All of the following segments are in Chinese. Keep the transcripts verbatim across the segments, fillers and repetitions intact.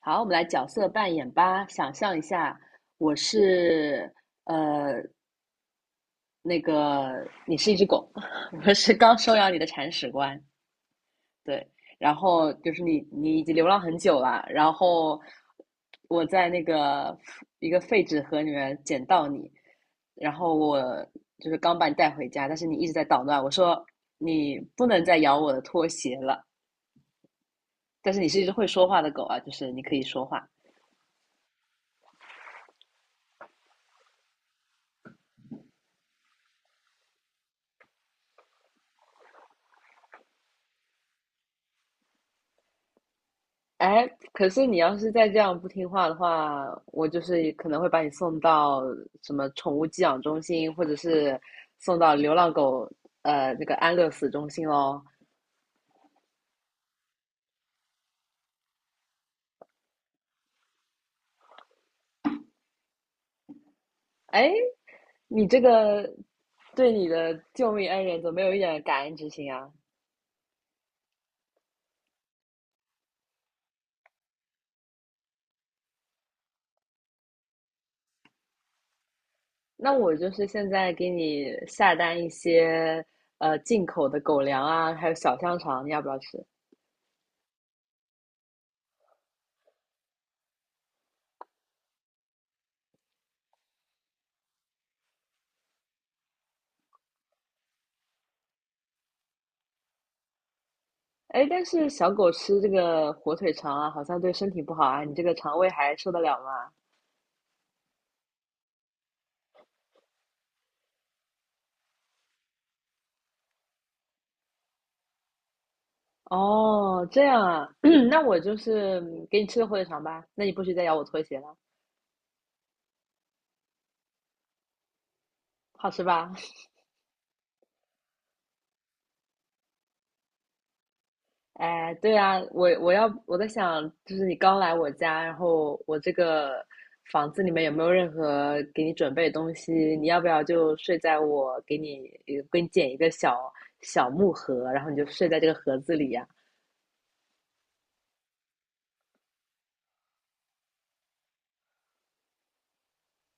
好，我们来角色扮演吧。想象一下，我是呃那个你是一只狗，我是刚收养你的铲屎官，对。然后就是你你已经流浪很久了，然后我在那个一个废纸盒里面捡到你，然后我就是刚把你带回家，但是你一直在捣乱。我说你不能再咬我的拖鞋了，但是你是一只会说话的狗啊，就是你可以说话。哎，可是你要是再这样不听话的话，我就是可能会把你送到什么宠物寄养中心，或者是送到流浪狗呃那个安乐死中心喽。哎，你这个对你的救命恩人怎么没有一点感恩之心啊？那我就是现在给你下单一些呃进口的狗粮啊，还有小香肠，你要不要吃？哎，但是小狗吃这个火腿肠啊，好像对身体不好啊，你这个肠胃还受得了吗？哦，这样啊，那我就是嗯给你吃个火腿肠吧。那你不许再咬我拖鞋了，好吃吧？哎，对啊，我我要我在想，就是你刚来我家，然后我这个房子里面有没有任何给你准备的东西？你要不要就睡在我给你呃给你捡一个小小木盒，然后你就睡在这个盒子里呀、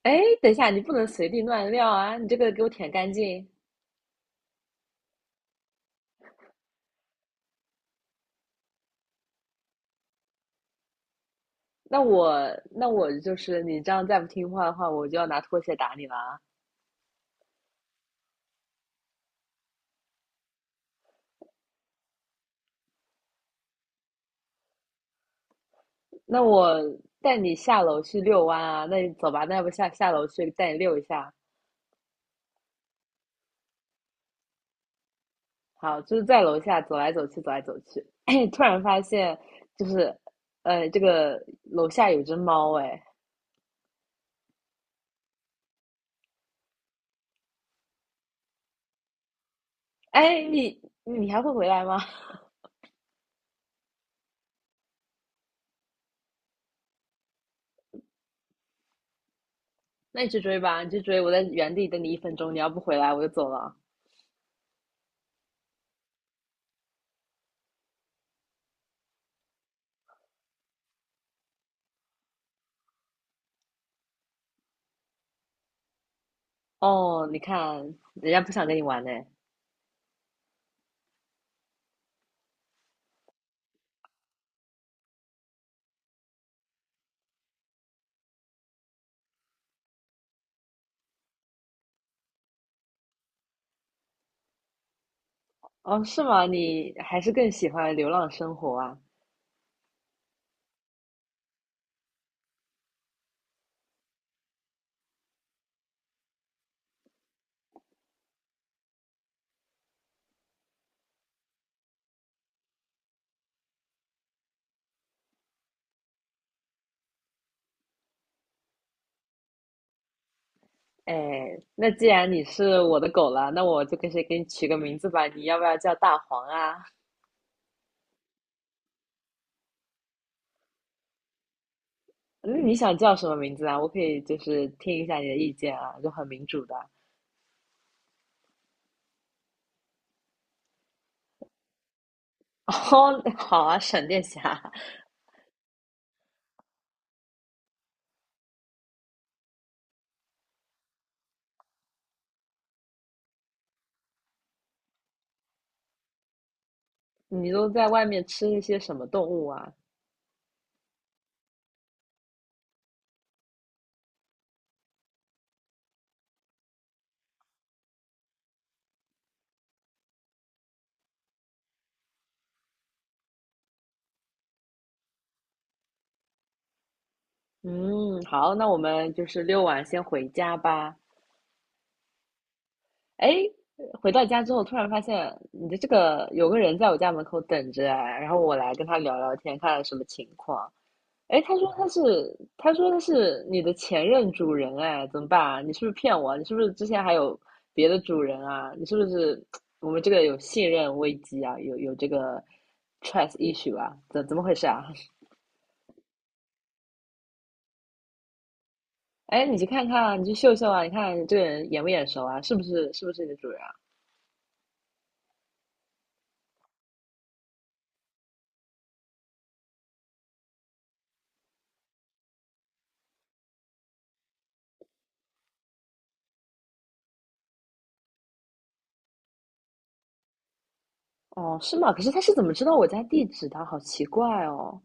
哎，等一下，你不能随地乱尿啊！你这个给我舔干净。那我那我就是你这样再不听话的话，我就要拿拖鞋打你了啊。那我带你下楼去遛弯啊，那你走吧，那要不下下楼去带你遛一下？好，就是在楼下走来走去，走来走去，突然发现就是，呃，这个楼下有只猫，哎，哎，你你还会回来吗？那你去追吧，你去追，我在原地等你一分钟，你要不回来我就走了。哦，你看人家不想跟你玩呢。哦，是吗？你还是更喜欢流浪生活啊？哎，那既然你是我的狗了，那我就给谁给你取个名字吧？你要不要叫大黄啊？那你想叫什么名字啊？我可以就是听一下你的意见啊，就很民主的。哦，好啊，闪电侠，你都在外面吃一些什么动物啊？嗯，好，那我们就是遛完先回家吧。哎，回到家之后，突然发现你的这个有个人在我家门口等着啊，然后我来跟他聊聊天，看看什么情况。哎，他说他是，他说他是你的前任主人，哎，怎么办啊？你是不是骗我啊，你是不是之前还有别的主人啊？你是不是 我们这个有信任危机啊？有有这个 trust issue 啊？怎怎么回事啊？哎，你去看看啊，你去秀秀啊，你看这个人眼不眼熟啊？是不是是不是你的主人啊？哦，是吗？可是他是怎么知道我家地址的？好奇怪哦。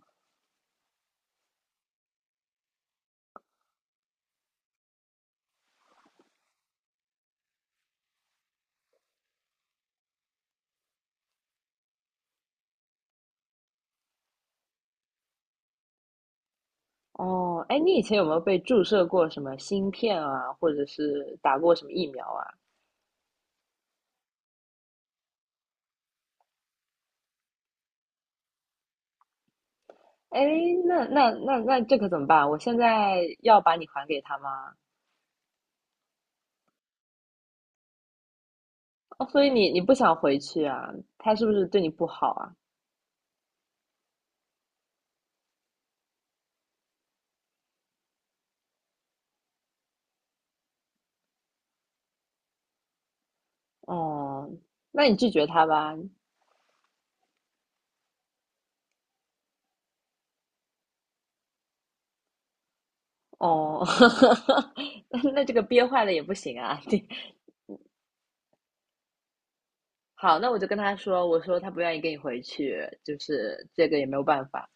哦，哎，你以前有没有被注射过什么芯片啊，或者是打过什么疫苗啊？哎，那那那那这可怎么办？我现在要把你还给他吗？哦，所以你你不想回去啊？他是不是对你不好啊？哦，那你拒绝他吧。哦，那那这个憋坏了也不行啊。对，好，那我就跟他说，我说他不愿意跟你回去，就是这个也没有办法。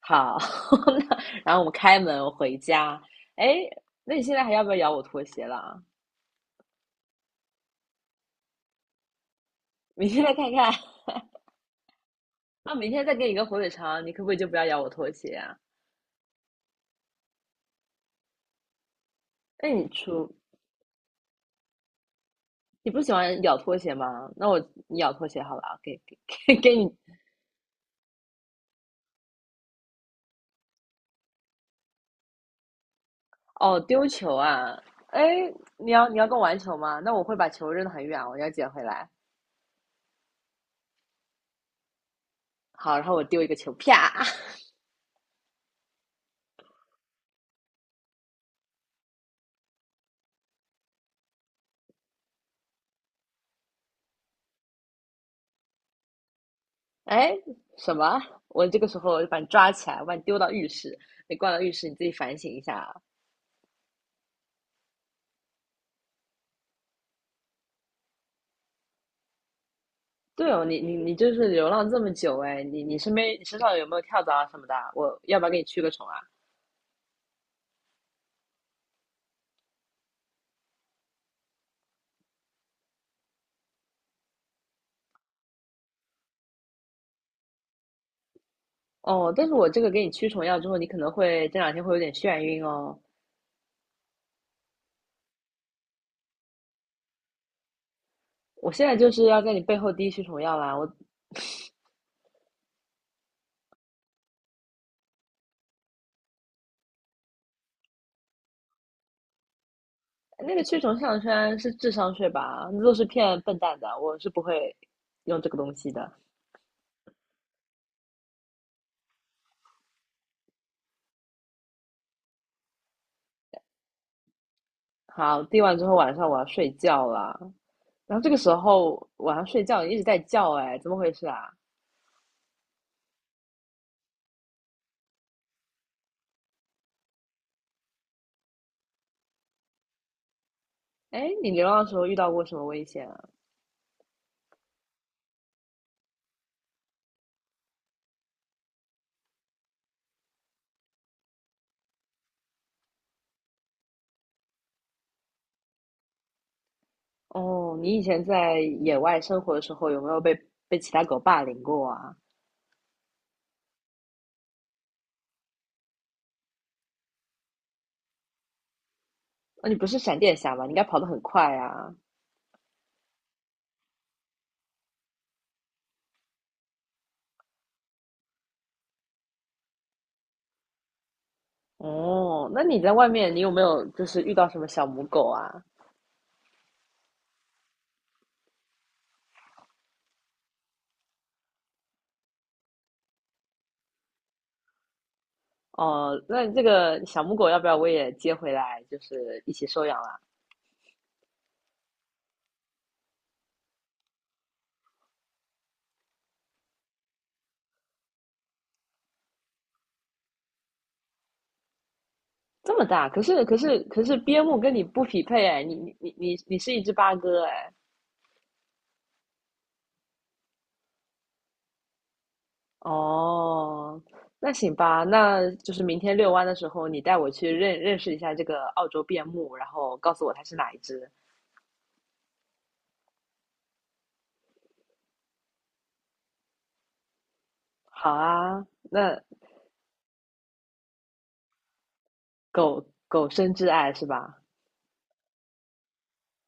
好，那然后我们开门，我回家。哎，那你现在还要不要咬我拖鞋了啊？明天再看看。那明天再给你一个火腿肠，你可不可以就不要咬我拖鞋啊？那你出，你不喜欢咬拖鞋吗？那我你咬拖鞋好了啊，给给给 给你哦，丢球啊！哎，你要你要跟我玩球吗？那我会把球扔得很远，我要捡回来。好，然后我丢一个球，啪！哎，什么？我这个时候就把你抓起来，我把你丢到浴室。你挂到浴室，你自己反省一下啊。对哦，你你你就是流浪这么久哎，你你身边你身上有没有跳蚤啊什么的啊，我要不要给你驱个虫啊？哦，但是我这个给你驱虫药之后，你可能会这两天会有点眩晕哦。我现在就是要在你背后滴驱虫药啦！我那个驱虫项圈是智商税吧？那都是骗笨蛋的，我是不会用这个东西的。好，滴完之后晚上我要睡觉了。然后这个时候晚上睡觉你一直在叫，哎，怎么回事啊？哎，你流浪的时候遇到过什么危险啊？哦，你以前在野外生活的时候有没有被被其他狗霸凌过啊？那、你不是闪电侠吗？你应该跑得很快啊。哦，那你在外面你有没有就是遇到什么小母狗啊？哦，那这个小母狗要不要我也接回来，就是一起收养啦？这么大，可是可是可是边牧跟你不匹配哎，你你你你你是一只八哥哎。哦，那行吧，那就是明天遛弯的时候，你带我去认认识一下这个澳洲边牧，然后告诉我它是哪一只。好啊，那狗狗生挚爱是吧？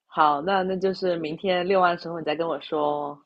好，那那就是明天遛弯的时候你再跟我说哦